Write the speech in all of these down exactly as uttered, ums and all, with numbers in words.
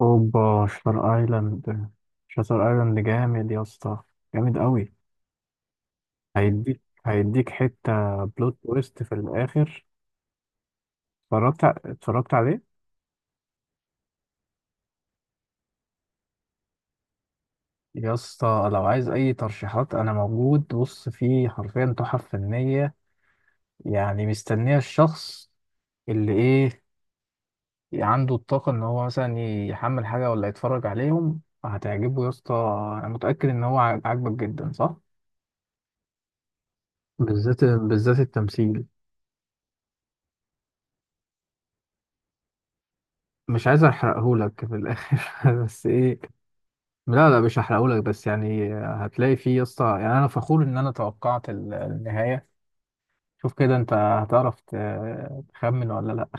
اوبا شاتر ايلاند. شاتر ايلاند جامد يا اسطى، جامد قوي. هيديك هيديك حته بلوت تويست في الاخر. اتفرجت ع- اتفرجت عليه. يا اسطى لو عايز اي ترشيحات انا موجود، بص فيه حرفيا تحف فنيه. يعني مستنيه الشخص اللي ايه، عنده الطاقه ان هو مثلا يحمل حاجه ولا، يتفرج عليهم هتعجبه يا اسطى. انا متاكد ان هو عاجبك جدا صح. بالذات بالذات التمثيل. مش عايز احرقهولك في الاخر بس ايه. لا لا مش هحرقهولك، بس يعني هتلاقي فيه يا اسطى، يعني انا فخور ان انا توقعت ال- النهايه. شوف كده انت هتعرف ت- تخمن ولا لا.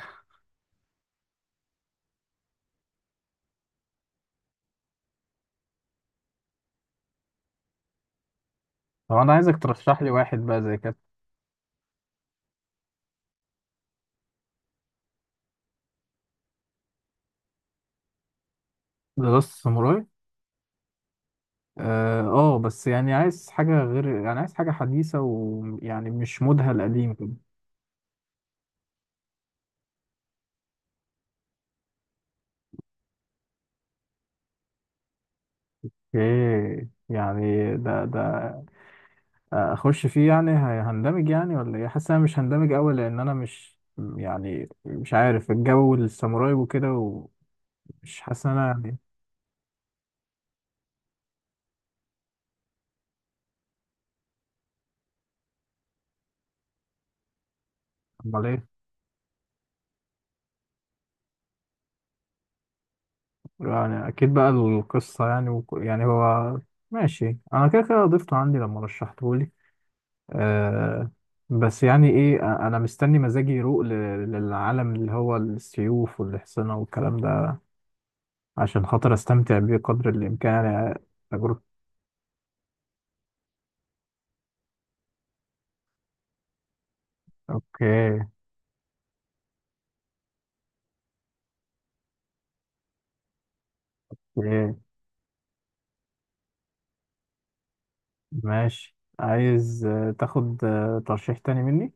طب انا عايزك ترشح لي واحد بقى زي كده. ذا لاست ساموراي. اه آه، بس يعني عايز حاجه غير، يعني عايز حاجه حديثه ويعني مش مودها القديم كده. اوكي يعني ده ده اخش فيه، يعني هي- هندمج يعني ولا ايه، حاسس انا مش هندمج قوي لان انا مش، يعني مش عارف الجو الساموراي وكده، ومش حاسس إن انا يعني. امال ايه. يعني اكيد بقى القصه يعني وك... يعني هو ماشي، انا كده كده ضفته عندي لما رشحته لي. أه بس يعني ايه، أ- انا مستني مزاجي يروق ل... للعالم اللي هو السيوف والحصنه والكلام ده، عشان خاطر استمتع بيه قدر الامكان يعني. تجربه. اوكي. اوكي ماشي، عايز آه، تاخد آه، ترشيح تاني مني.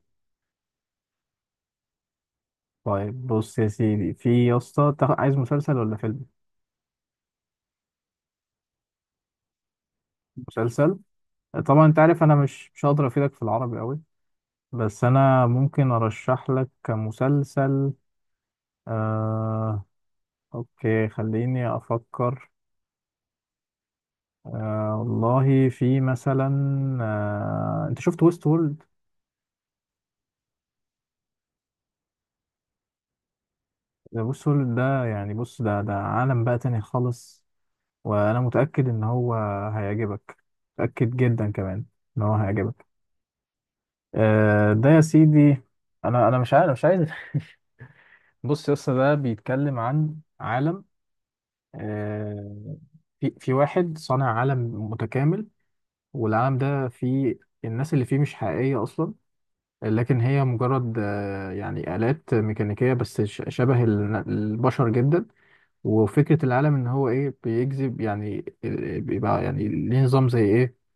طيب بص يا سيدي، في يا اسطى تاخ- عايز مسلسل ولا فيلم؟ مسلسل. آه، طبعا انت عارف انا مش مش هقدر افيدك في العربي قوي، بس انا ممكن ارشح لك مسلسل. آه... اوكي خليني افكر. آه... والله في مثلا، آه... انت شفت ويست وورلد؟ ده ويست وورلد ده يعني بص، ده ده عالم بقى تاني خالص، وانا متاكد ان هو هيعجبك، متاكد جدا كمان ان هو هيعجبك. آه، ده يا سيدي، انا انا مش عارف، مش عايز بص يا اسطى ده بيتكلم عن عالم، آه، في في واحد صانع عالم متكامل، والعالم ده فيه الناس اللي فيه مش حقيقية أصلا، لكن هي مجرد آه، يعني آلات ميكانيكية، بس ش- شبه ال- البشر جدا. وفكرة العالم إن هو إيه، بيجذب يعني ال- بيبقى يعني ليه نظام زي إيه،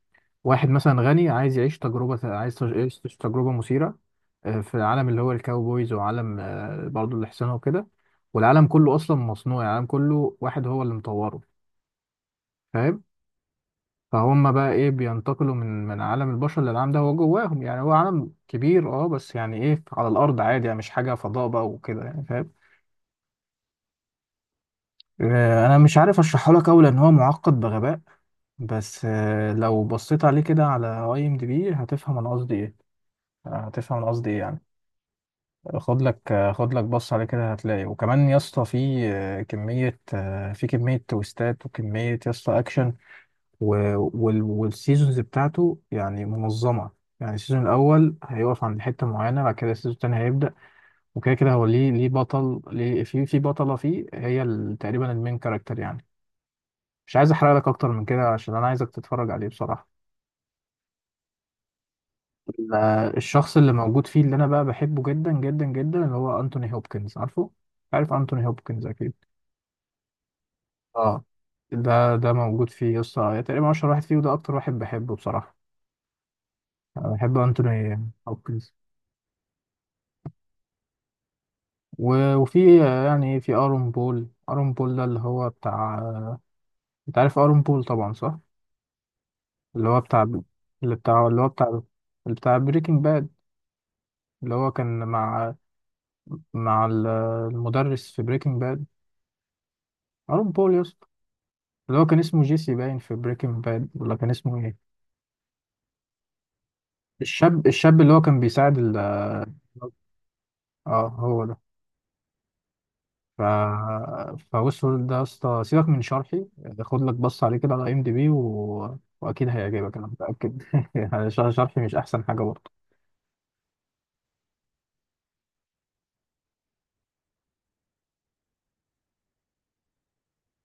واحد مثلا غني عايز يعيش تجربة، عايز تج- يعيش تجربة مثيرة، آه، في العالم اللي هو الكاوبويز، وعالم آه، برضه الإحسانة وكده. والعالم كله أصلا مصنوع، يعني العالم كله واحد هو اللي مطوره، فاهم؟ فهم بقى إيه، بينتقلوا من من عالم البشر للعالم ده هو جواهم. يعني هو عالم كبير أه، بس يعني إيه على الأرض عادي، يعني مش حاجة فضاء بقى وكده، يعني فاهم. آه، أنا مش عارف أشرحه لك أوي لأن هو معقد بغباء، بس آه، لو بصيت عليه كده على أي إم دي بي هتفهم أنا قصدي إيه، هتفهم أنا قصدي إيه يعني. خد لك خد لك بص عليه كده هتلاقي، وكمان يا اسطى في آه، كمية آه، في كمية تويستات وكمية يا اسطى أكشن، و- وال- والسيزونز بتاعته يعني منظمة، يعني السيزون الأول هيقف عند حتة معينة، بعد كده السيزون التاني هيبدأ. وكده كده هو ليه، ليه بطل ليه، في في بطلة فيه هي ال- تقريبا المين كاركتر يعني. مش عايز أحرق لك أكتر من كده عشان أنا عايزك تتفرج عليه بصراحة. ال- الشخص اللي موجود فيه اللي أنا بقى بحبه جدا جدا جدا، اللي هو أنتوني هوبكنز، عارفه؟ عارف أنتوني هوبكنز أكيد. اه ده ده موجود فيه يا اسطى، تقريبا اشهر واحد فيه، وده اكتر واحد بحبه بصراحه. أنا بحب انتوني هوكنز. و- وفي آه، يعني في ارون بول، ارون بول ده اللي هو بتاع، انت عارف ارون بول طبعا صح؟ اللي هو بتاع، اللي بتاع اللي هو بتاع اللي بتاع بريكنج باد، اللي هو كان مع، مع ال- المدرس في بريكنج باد. ارون بول يا اسطى اللي هو كان اسمه جيسي باين في بريكنج باد، ولا كان اسمه ايه. الشاب، الشاب اللي هو كان بيساعد ال، اه هو ده. ف فوصل ده يا اسطى، سيبك من شرحي، خد لك بص عليه كده على ام دي بي و... واكيد هيعجبك، انا متاكد يعني ش- شرحي مش احسن حاجه برضه.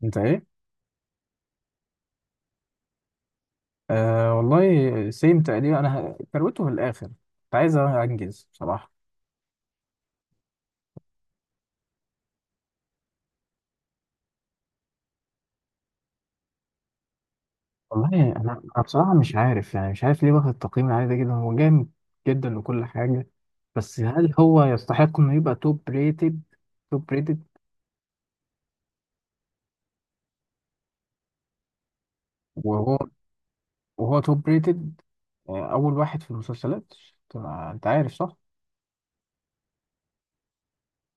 انت ايه؟ أه والله سيم تقريبا، انا كروته في الاخر كنت عايز انجز بصراحه. والله انا، انا بصراحه مش عارف يعني، مش عارف ليه واخد التقييم العالي ده جدا. هو جامد جدا وكل حاجه، بس هل هو يستحق انه يبقى توب ريتد؟ توب ريتد، وهو توب ريتد آه، اول واحد في المسلسلات، طبعا انت عارف صح؟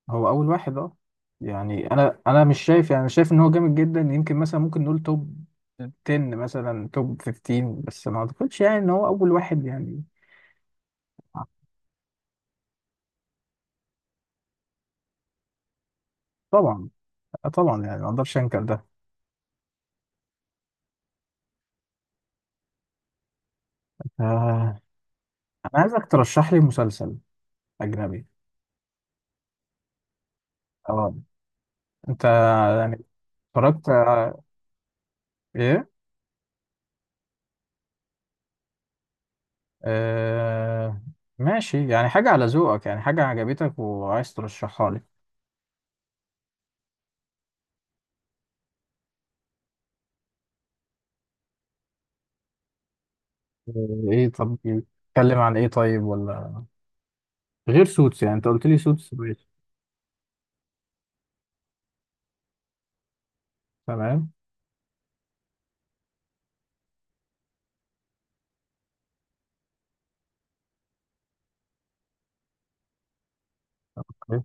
هو اول واحد اه. يعني انا، انا مش شايف، يعني شايف ان هو جامد جدا، يمكن مثلا ممكن نقول توب عشرة مثلا، توب خمستاشر، بس ما اعتقدش يعني ان هو اول واحد يعني. طبعا آه، طبعا يعني ما اقدرش انكر ده. آه، انا عايزك ترشح لي مسلسل اجنبي. اه. انت يعني، اتفرجت على- ايه. آه، ماشي، يعني حاجة على ذوقك، يعني حاجة عجبتك وعايز ترشحها لي. ايه طب يعني اتكلم عن ايه طيب، ولا غير سوتس، يعني انت قلت لي سوتس ماشي. تمام. اوكي،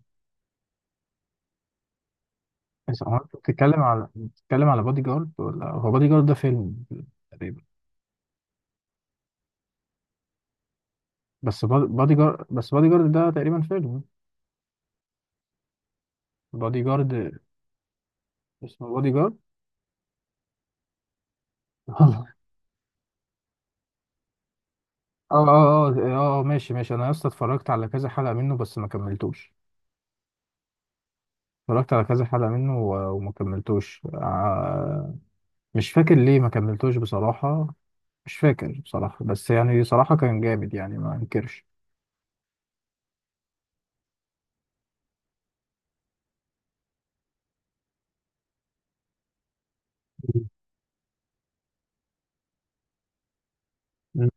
بس هو انت بتتكلم على، بتتكلم على بادي جارد، ولا هو بادي جارد ده فيلم؟ تقريبا. بس باد- بادي جارد، بس بادي جارد ده تقريبا فيلم. بادي جارد، اسمه بادي جارد. اه. اه اه اه ماشي ماشي، انا لسه اتفرجت على كذا حلقة منه بس ما كملتوش. اتفرجت على كذا حلقة منه و- وما كملتوش آه، مش فاكر ليه ما كملتوش بصراحة، مش فاكر بصراحة، بس يعني صراحة كان جامد يعني ما انكرش. مم.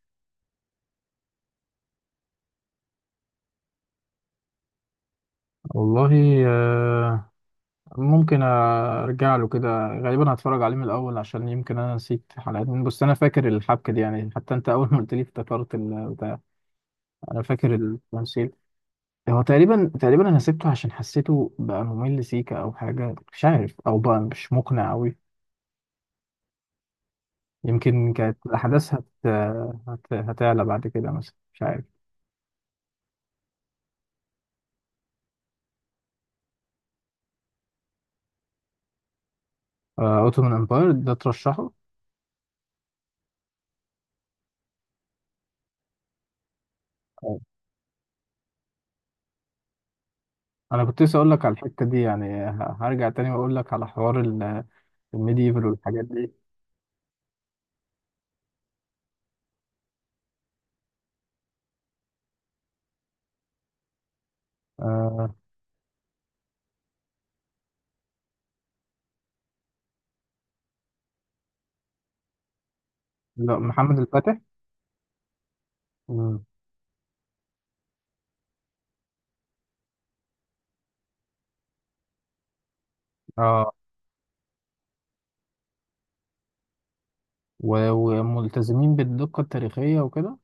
والله آه، ممكن ارجع له كده، غالبا هتفرج عليه من الاول عشان يمكن انا نسيت حلقات من، بس انا فاكر الحبكة دي يعني، حتى انت اول ما قلت لي افتكرت البتاع، انا فاكر التمثيل. هو تقريبا، تقريبا انا سبته عشان حسيته بقى ممل سيكا، او حاجة مش عارف، او بقى مش مقنع قوي. يمكن كانت الاحداث هت... هت... هتعلى بعد كده مثلا، مش عارف. اوتومان امباير ده ترشحه. انا كنت لسه اقول لك على الحته دي، يعني ه- هرجع تاني واقول لك على حوار ال- الميديفال والحاجات دي. آه لا، محمد الفاتح. مم. اه. و- وملتزمين بالدقه التاريخيه وكده.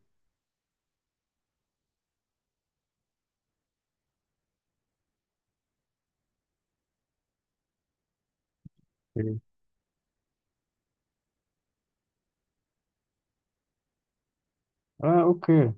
أوكي. اه اوكي.